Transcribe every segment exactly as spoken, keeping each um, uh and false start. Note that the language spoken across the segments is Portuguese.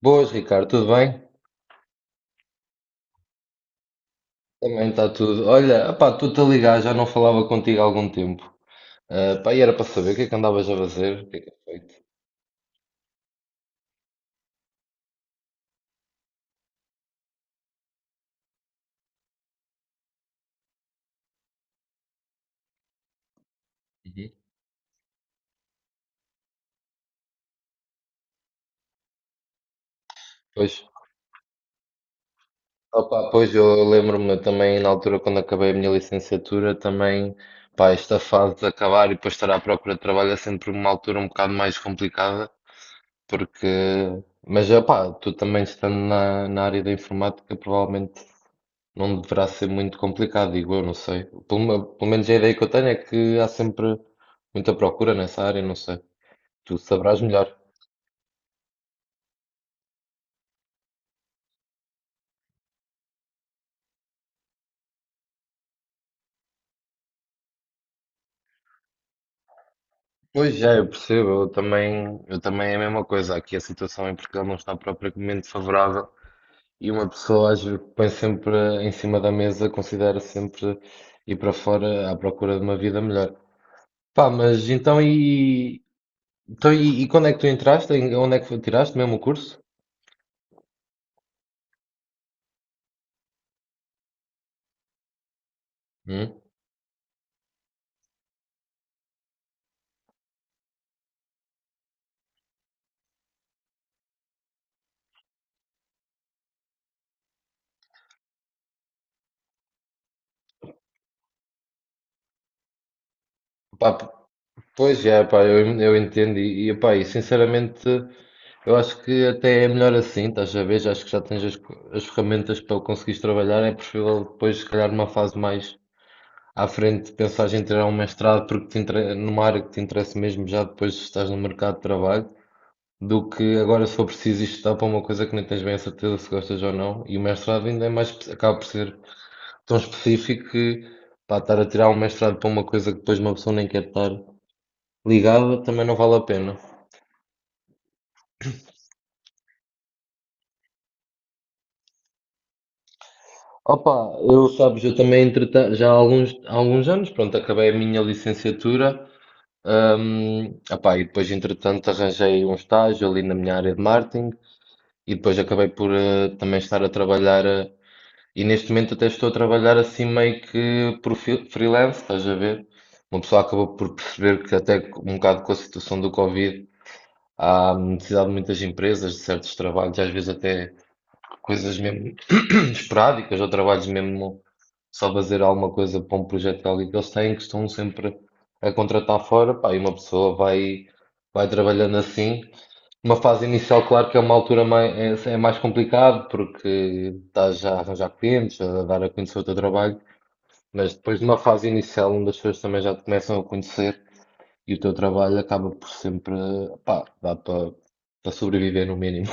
Boas, Ricardo, tudo bem? Também está tudo. Olha, opá, estou-te a ligar, já não falava contigo há algum tempo. Ah, pá, e era para saber o que é que andavas a fazer, o que é que é feito. Uhum. Pois, opá, pois eu lembro-me também na altura quando acabei a minha licenciatura, também, pá, esta fase de acabar e depois estar à procura de trabalho é sempre uma altura um bocado mais complicada, porque. Mas, opá, tu também estando na, na área da informática, provavelmente não deverá ser muito complicado, digo eu, não sei. Pelo, me- pelo menos a ideia que eu tenho é que há sempre muita procura nessa área, não sei. Tu saberás melhor. Pois já, eu percebo, eu também, eu também é a mesma coisa. Aqui a situação em Portugal não está propriamente favorável e uma pessoa às vezes põe sempre em cima da mesa, considera sempre ir para fora à procura de uma vida melhor. Pá, mas então e, então, e, e quando é que tu entraste? Em- Onde é que foi- tiraste mesmo o curso? Hum? Pá, pois é, pá, eu, eu entendo e, e, pá, e sinceramente eu acho que até é melhor assim, estás a ver? Já acho que já tens as, co- as ferramentas para conseguires trabalhar, é preferível depois, se calhar, numa fase mais à frente, pensares em tirar um mestrado porque te inter... numa área que te interessa mesmo, já depois estás no mercado de trabalho, do que agora se for preciso estudar para uma coisa que nem tens bem a certeza se gostas ou não, e o mestrado ainda é mais, espe- acaba por ser tão específico que, pá, estar a tirar um mestrado para uma coisa que depois uma pessoa nem quer estar ligado também não vale a pena. Opa, eu sabes, eu também, entretanto, já há alguns, há alguns anos, pronto, acabei a minha licenciatura, hum, opá, e depois entretanto arranjei um estágio ali na minha área de marketing e depois acabei por eh, também estar a trabalhar, eh, e neste momento até estou a trabalhar assim meio que por fi- freelance, estás a ver? Uma pessoa acabou por perceber que até um bocado, com a situação do Covid, há necessidade de muitas empresas, de certos trabalhos, às vezes até coisas mesmo esporádicas ou trabalhos mesmo só fazer alguma coisa para um projeto de alguém que eles têm, que estão sempre a contratar fora, pá, e uma pessoa vai, vai trabalhando assim. Uma fase inicial, claro que é uma altura mais, é, é mais complicado porque estás já a arranjar clientes, a dar a conhecer o teu trabalho, mas depois de uma fase inicial, onde as pessoas também já te começam a conhecer e o teu trabalho acaba por sempre, pá, dá para para sobreviver no mínimo.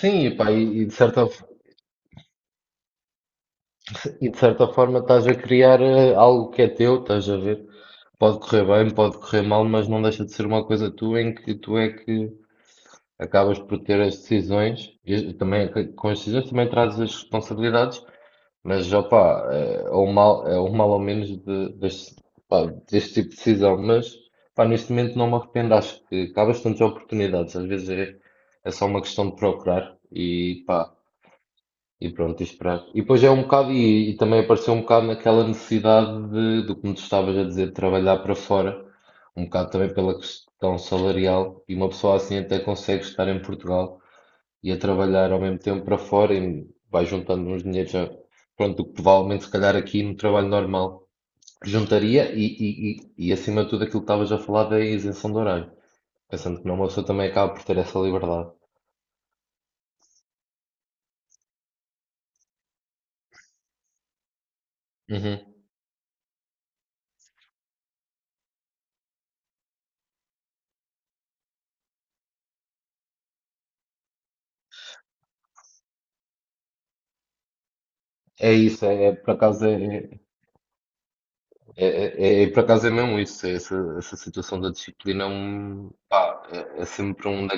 Sim, e, pá, e, e de certa e de certa forma estás a criar eh, algo que é teu, estás a ver? Pode correr bem, pode correr mal, mas não deixa de ser uma coisa tua em que tu é que acabas por ter as decisões, e também, eh, com as decisões, também trazes as responsabilidades, mas opá, é o mal, é o mal ou menos de, deste, pá, deste tipo de decisão, mas, pá, neste momento não me arrependo, acho que há bastantes oportunidades, às vezes é, é só uma questão de procurar, e pá. E pronto, e esperar. E depois é um bocado, e, e também apareceu um bocado naquela necessidade de, do que me tu estavas a dizer, de trabalhar para fora, um bocado também pela questão salarial, e uma pessoa assim até consegue estar em Portugal e a trabalhar ao mesmo tempo para fora e vai juntando uns dinheiros, já, pronto, o que provavelmente se calhar aqui no trabalho normal juntaria, e, e, e, e acima de tudo, aquilo que estavas a falar da isenção de horário, pensando que não, uma pessoa também acaba por ter essa liberdade. Uhum. É isso, é, é- por acaso é, é, É, é, é, é, por acaso é mesmo isso, é essa, essa situação da disciplina é um, pá, é, é sempre um,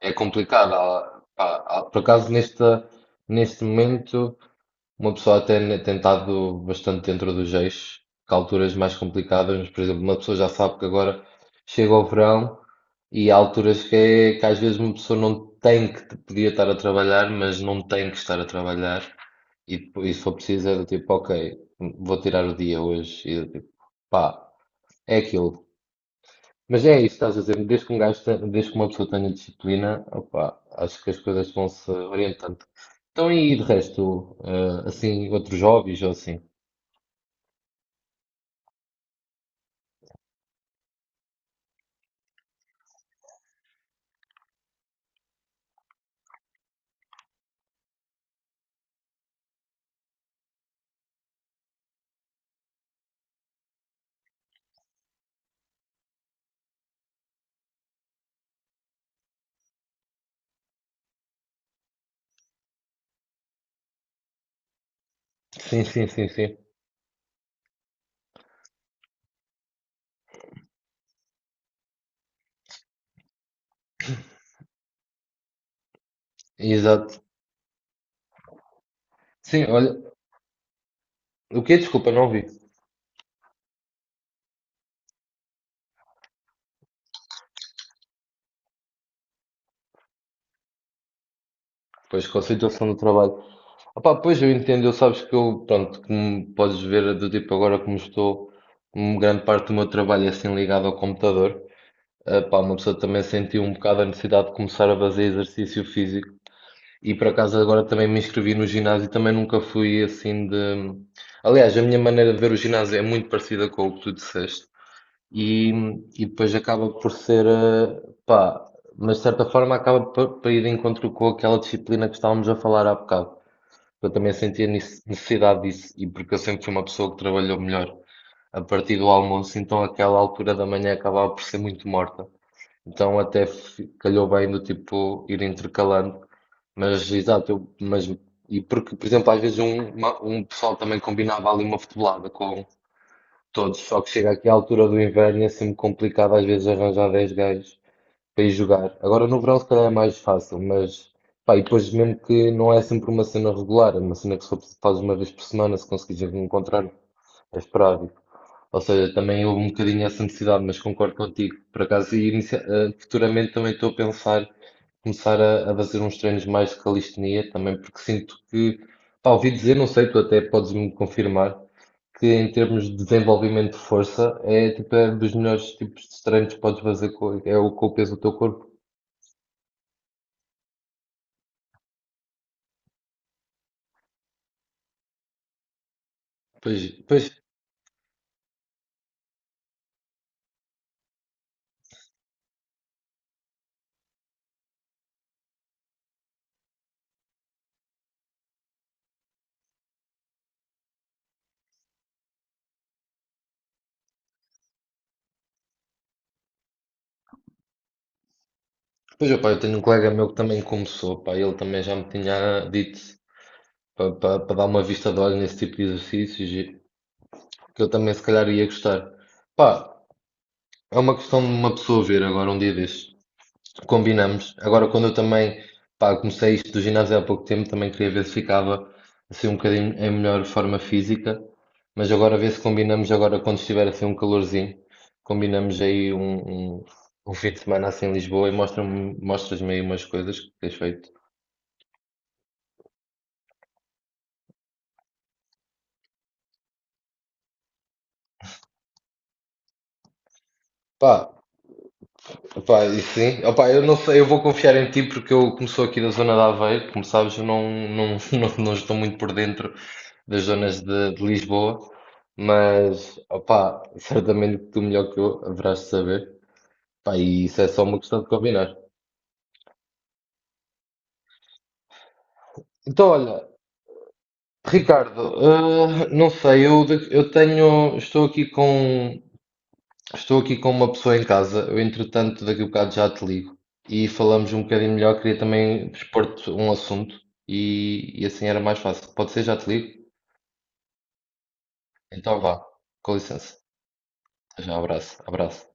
é complicado. Há- pá, há- por acaso nesta, neste momento uma pessoa até ne- tem estado bastante dentro dos eixos, que há alturas mais complicadas, mas, por exemplo, uma pessoa já sabe que agora chega o verão e há alturas que, é- que às vezes uma pessoa não tem que, podia estar a trabalhar, mas não tem que estar a trabalhar. E depois, e se for preciso, é do tipo, ok, vou tirar o dia hoje. E do tipo, pá, é aquilo. Mas é isso que estás a dizer, desde que um gajo te- desde que uma pessoa tenha disciplina, opa, acho que as coisas vão-se orientando. Então, e de resto, eh, assim, outros hobbies ou assim? Sim, sim, sim, sim. Exato. Sim, olha, o que desculpa, não vi. Pois, com a situação do trabalho. Opá, pois eu entendo, eu sabes que eu, pronto, como podes ver, do tipo, agora como estou, uma grande parte do meu trabalho é assim ligado ao computador. Ah, pá, uma pessoa também sentiu um bocado a necessidade de começar a fazer exercício físico. E por acaso agora também me inscrevi no ginásio, e também nunca fui assim de. Aliás, a minha maneira de ver o ginásio é muito parecida com o que tu disseste. E, e depois acaba por ser, eh, pá, mas de certa forma acaba por, por ir de encontro com aquela disciplina que estávamos a falar há bocado. Eu também sentia nice- necessidade disso, e porque eu sempre fui uma pessoa que trabalhou melhor a partir do almoço, então aquela altura da manhã acabava por ser muito morta. Então até fi- calhou bem, do tipo, ir intercalando. Mas, exato, eu, mas, e porque, por exemplo, às vezes um, uma- um pessoal também combinava ali uma futebolada com todos, só que chega aqui à altura do inverno e é sempre complicado às vezes arranjar dez gajos para ir jogar. Agora no verão se calhar é mais fácil, mas, pá, e depois, mesmo que não é sempre uma cena regular, é uma cena que só faz uma vez por semana, se conseguires encontrar, é esperável. Ou seja, também houve um bocadinho essa necessidade, mas concordo contigo. Por acaso, e inicia- eh, futuramente também estou a pensar começar a, a fazer uns treinos mais de calistenia também, porque sinto que, pá, ouvi dizer, não sei, tu até podes me confirmar, que em termos de desenvolvimento de força é tipo é dos melhores tipos de treinos que podes fazer com, é o, com o peso do teu corpo. Pois, pois, pois, opá, eu tenho um colega meu que também começou, pá, ele também já me tinha dito para dar uma vista de olho nesse tipo de exercícios, e que eu também se calhar ia gostar. Pá, é uma questão de uma pessoa ver agora um dia destes. Combinamos. Agora, quando eu também, pá, comecei isto do ginásio há pouco tempo, também queria ver se ficava assim um bocadinho em melhor forma física, mas agora ver se combinamos agora, quando estiver assim um calorzinho, combinamos aí um, um, um fim de semana assim em Lisboa, e mostra-me, mostras-me aí umas coisas que tens feito. Pá, opa, e sim. Opa, eu não sei, eu vou confiar em ti porque eu, como sou aqui da zona de Aveiro, como sabes, eu não, não, não, não estou muito por dentro das zonas de, de Lisboa, mas opa, certamente que tu, melhor que eu, haverás de saber. Pá, e isso é só uma questão de combinar. Então, olha, Ricardo, ah, não sei, eu, de- eu tenho, estou aqui com Estou aqui com uma pessoa em casa. Eu, entretanto, daqui a bocado já te ligo e falamos um bocadinho melhor. Queria também expor-te um assunto, e, e assim era mais fácil. Pode ser, já te ligo? Então vá, com licença. Até já, abraço, abraço.